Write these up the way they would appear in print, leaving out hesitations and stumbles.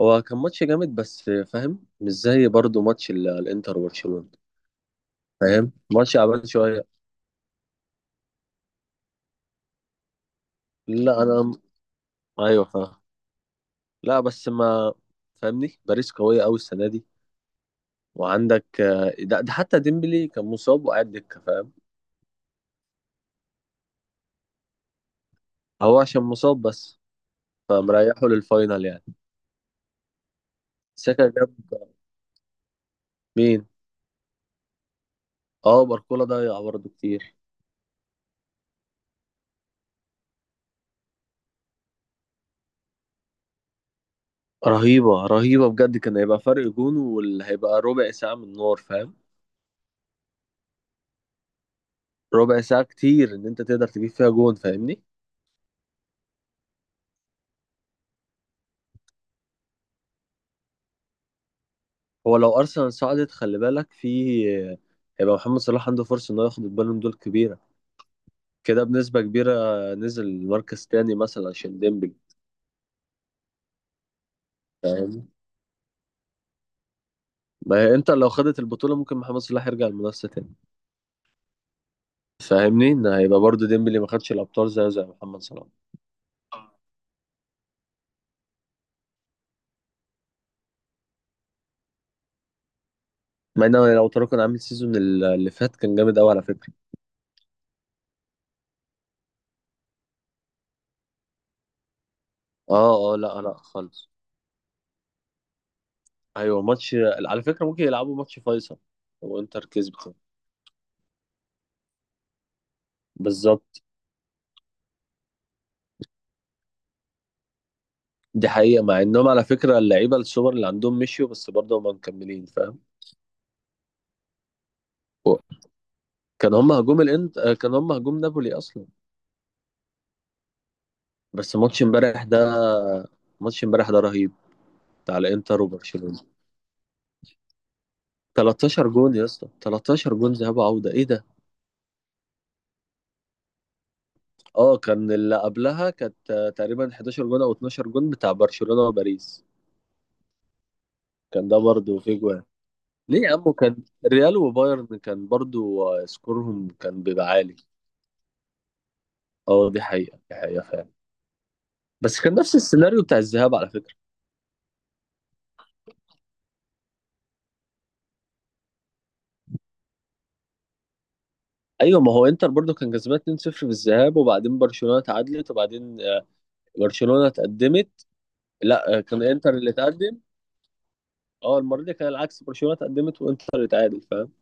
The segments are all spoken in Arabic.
هو كان ماتش جامد، بس فاهم؟ مش زي برضه ماتش الانتر وبرشلونة. فاهم ماتش عبال شوية. لا انا... ايوه، فاهم. لا بس ما فاهمني. باريس قوية قوي السنة دي. وعندك ده، حتى ديمبلي كان مصاب وقاعد دكة، فاهم؟ هو عشان مصاب بس، فمريحه للفاينل يعني. ساكا جاب؟ مين؟ اه باركولا ضيع برضه كتير. رهيبة رهيبة بجد، كان هيبقى فرق جون، واللي هيبقى ربع ساعة من النار، فاهم؟ ربع ساعة كتير إن أنت تقدر تجيب فيها جون، فاهمني؟ هو لو ارسنال صعدت خلي بالك في... هيبقى محمد صلاح عنده فرصه انه ياخد البالون دول كبيره كده، بنسبه كبيره. نزل مركز تاني مثلا عشان ديمبلي، فاهم؟ ما هي انت لو خدت البطوله ممكن محمد صلاح يرجع المنافسه تاني. فاهمني ان هيبقى برضو ديمبلي ما خدش الابطال زي محمد صلاح. مع ان لو ترى كان عامل سيزون اللي فات، كان جامد قوي على فكره. اه اه، لا لا خالص. ايوه، ماتش على فكره ممكن يلعبوا ماتش فيصل وانتر كسبته. بالظبط. دي حقيقة، مع انهم على فكرة اللعيبة السوبر اللي عندهم مشيوا، بس برضه هم مكملين، فاهم؟ و- كان هم هجوم الانت آه، كان هم هجوم نابولي اصلا. بس ماتش امبارح ده، ماتش امبارح ده رهيب، بتاع الانتر وبرشلونة. 13 جون يا اسطى، 13 جون ذهاب وعودة، ايه ده؟ اه كان اللي قبلها كانت تقريبا 11 جون او 12 جون بتاع برشلونة وباريس. كان ده برضه في جوان. ليه يا عم؟ كان ريال وبايرن كان برضه سكورهم كان بيبقى عالي. اه دي حقيقة، دي حقيقة فعلا. بس كان نفس السيناريو بتاع الذهاب على فكره. ايوه، ما هو انتر برضو كان كسبان 2-0 في الذهاب، وبعدين برشلونه تعادلت وبعدين برشلونه اتقدمت. لا كان انتر اللي اتقدم. اه المره دي كان العكس، برشلونه اتقدمت وانتر اللي اتعادل، فاهم؟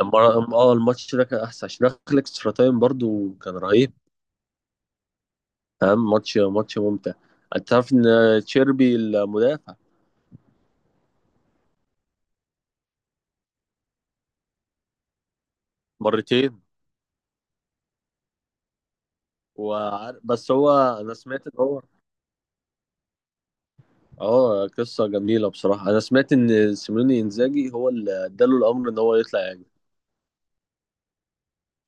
المره اه الماتش ده كان احسن عشان دخل اكسترا تايم، برضو كان رهيب. فاهم ماتش ممتع؟ انت تعرف ان تشيربي المدافع مرتين؟ بس هو... انا سمعت ان هو... اه قصة جميلة بصراحة. أنا سمعت إن سيميوني إنزاجي هو اللي اداله الأمر إن هو يطلع يهاجم،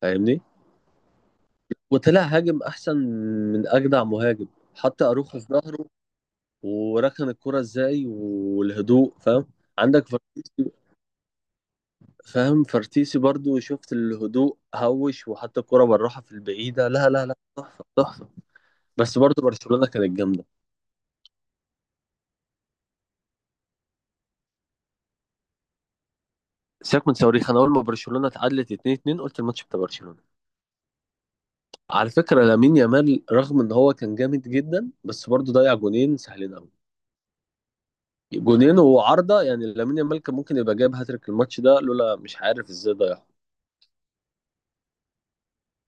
فاهمني؟ وطلع هاجم أحسن من أجدع مهاجم، حتى أروخو في ظهره. وركن الكرة إزاي، والهدوء، فاهم؟ عندك فرتيسي، فاهم فرتيسي برضو؟ شفت الهدوء هوش، وحتى الكرة بالراحة في البعيدة، لا لا لا تحفة تحفة. بس برضو برشلونة كانت جامدة. سيبك من صواريخ، أنا أول ما برشلونة اتعادلت 2-2 قلت الماتش بتاع برشلونة. على فكرة لامين يامال رغم ان هو كان جامد جدا بس برضه ضيع جونين سهلين قوي، جونين وعارضة. يعني لامين يامال كان ممكن يبقى جايب هاتريك الماتش ده، لولا مش عارف ازاي ضيعها.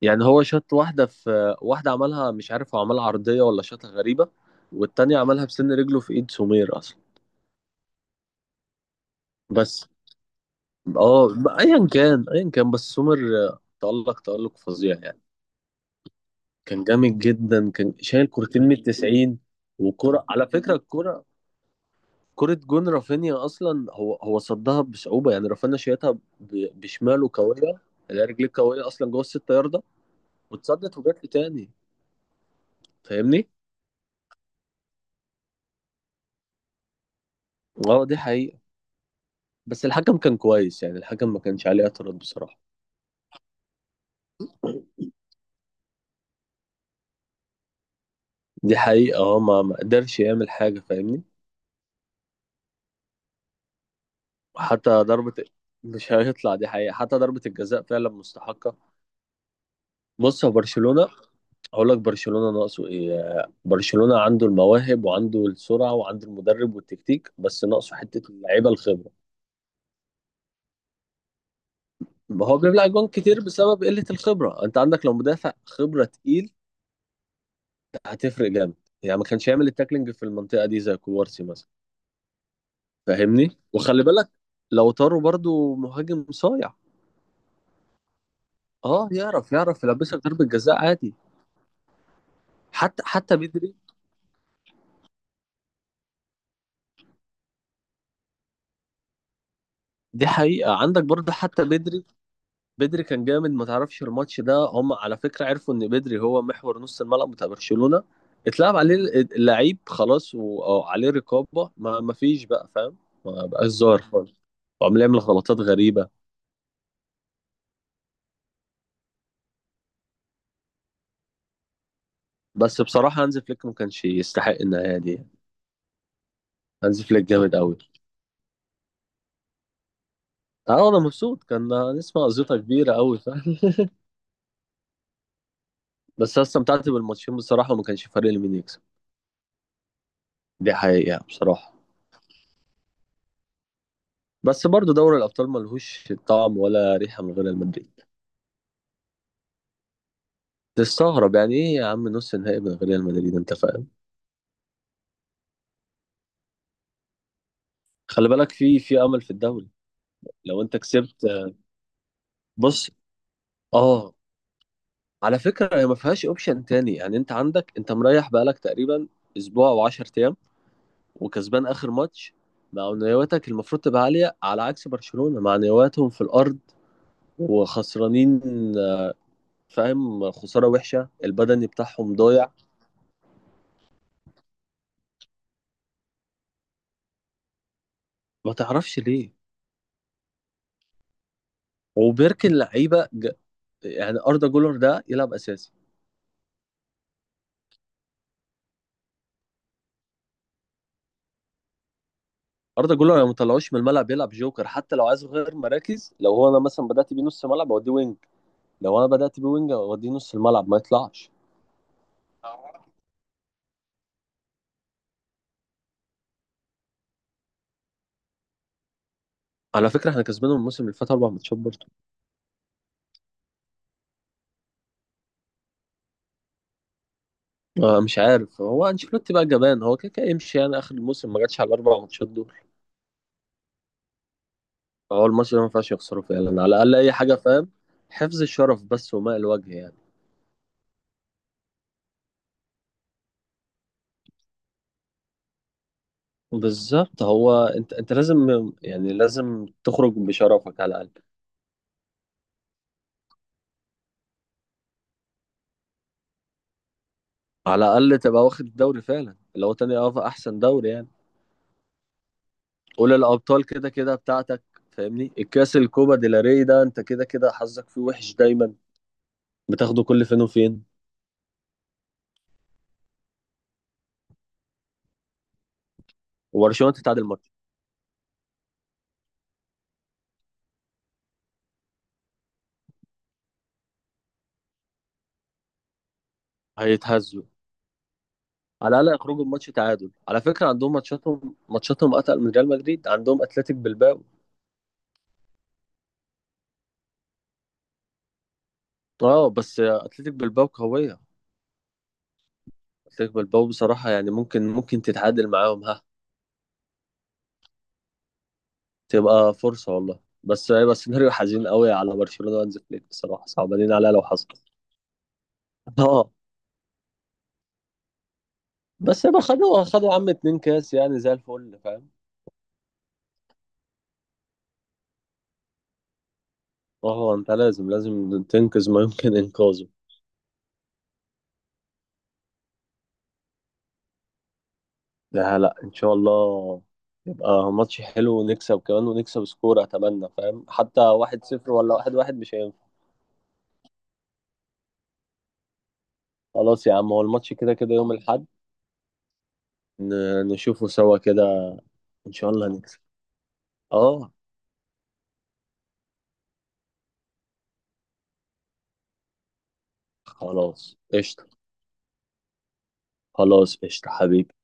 يعني هو شاط واحدة في واحدة، عملها مش عارف هو عملها عرضية ولا شاطها غريبة. والتانية عملها بسن رجله في ايد سومير اصلا. بس اه، ايا كان ايا كان، بس سومير تألق تألق فظيع يعني. كان جامد جدا، كان شايل كورتين من التسعين. وكرة على فكرة الكرة، كرة جون رافينيا اصلا هو صدها بصعوبة. يعني رافينيا شايتها بشماله قوية، اللي هي رجليه قوية اصلا جوه الستة ياردة. واتصدت وجات لي تاني، فاهمني؟ اه دي حقيقة. بس الحكم كان كويس، يعني الحكم ما كانش عليه اعتراض بصراحة. دي حقيقة. اه ما قدرش يعمل حاجة، فاهمني؟ وحتى ضربة... مش هيطلع، دي حقيقة، حتى ضربة الجزاء فعلا مستحقة. بص هو برشلونة، هقول لك برشلونة ناقصه ايه. برشلونة عنده المواهب وعنده السرعة وعنده المدرب والتكتيك، بس ناقصه حتة اللعيبة الخبرة. ما هو بيبلع جون كتير بسبب قلة الخبرة. انت عندك لو مدافع خبرة تقيل هتفرق جامد. يعني ما كانش يعمل التاكلينج في المنطقة دي زي كوارسي مثلا. فاهمني؟ وخلي بالك لو طاروا برضو مهاجم صايع، اه يعرف يعرف يلبسك ضربة جزاء عادي. حتى بدري. دي حقيقة. عندك برضه حتى بدري، بدري كان جامد، ما تعرفش الماتش ده هم على فكرة عرفوا ان بدري هو محور نص الملعب بتاع برشلونة، اتلعب عليه اللعيب خلاص أو عليه رقابة، ما فيش بقى، فاهم؟ ما بقاش ظاهر خالص. وعمال يعمل غلطات غريبة. بس بصراحة هانز فليك ما كانش يستحق النهاية دي. هانز فليك جامد قوي. اه انا مبسوط، كان نسمع قزيطة كبيرة قوي، فاهم؟ بس انا استمتعت بالماتشين بصراحة، وما كانش فارق لي مين يكسب. دي حقيقة بصراحة. بس برضه دوري الأبطال ملهوش طعم ولا ريحة من غير المدريد. تستغرب يعني ايه يا عم؟ نص نهائي من ريال مدريد، انت فاهم؟ خلي بالك في امل في الدوري. لو انت كسبت. بص اه، على فكره هي ما فيهاش اوبشن تاني. يعني انت عندك، انت مريح بقالك تقريبا اسبوع او 10 ايام، وكسبان اخر ماتش. معنوياتك المفروض تبقى عاليه، على عكس برشلونه معنوياتهم في الارض وخسرانين، فاهم؟ خساره وحشه، البدني بتاعهم ضايع. ما تعرفش ليه؟ وبركن لعيبه يعني اردا جولر ده يلعب اساسي. اردا جولر لو ما طلعوش من الملعب يلعب جوكر، حتى لو عايز غير مراكز، لو هو انا مثلا بدات بيه نص ملعب اوديه وينج، لو انا بدات بيه وينج اوديه نص الملعب، ما يطلعش. على فكره احنا كسبانهم الموسم اللي فات اربع ماتشات برضه. مش عارف هو انشيلوتي بقى جبان، هو كده كده يمشي يعني اخر الموسم، ما جاتش على الاربع ماتشات دول. هو الماتش ده ما ينفعش يخسره فعلا، على الاقل اي حاجه، فاهم؟ حفظ الشرف بس وماء الوجه يعني. بالظبط، هو انت لازم يعني لازم تخرج بشرفك على الاقل. على الاقل تبقى واخد الدوري فعلا، اللي هو تاني احسن دوري يعني. قول الابطال كده كده بتاعتك. فاهمني؟ الكاس الكوبا ديلاري ده انت كده كده حظك فيه وحش دايما، بتاخده كل فين وفين. وبرشلونه تتعادل ماتش. هيتهزوا. على الاقل يخرجوا بماتش تعادل. على فكره عندهم ماتشاتهم اتقل من ريال مدريد، عندهم اتلتيك بلباو. اه بس اتلتيك بلباو قويه. اتلتيك بلباو بصراحه يعني ممكن ممكن تتعادل معاهم، ها. تبقى فرصه والله، بس هيبقى سيناريو حزين قوي على برشلونه وانز فليك، بصراحه صعبانين عليها لو حصل. اه بس يبقى خدوا خدوا يا عم اتنين كاس، يعني زي الفل، فاهم؟ هو انت لازم لازم تنقذ ما يمكن انقاذه. لا لا ان شاء الله. يبقى ماتش حلو ونكسب كمان، ونكسب سكور اتمنى، فاهم؟ حتى واحد صفر ولا واحد واحد مش هينفع. خلاص يا عم، هو الماتش كده كده يوم الاحد. نشوفه سوا كده. ان شاء الله نكسب. اه خلاص قشطة. خلاص قشطة حبيبي.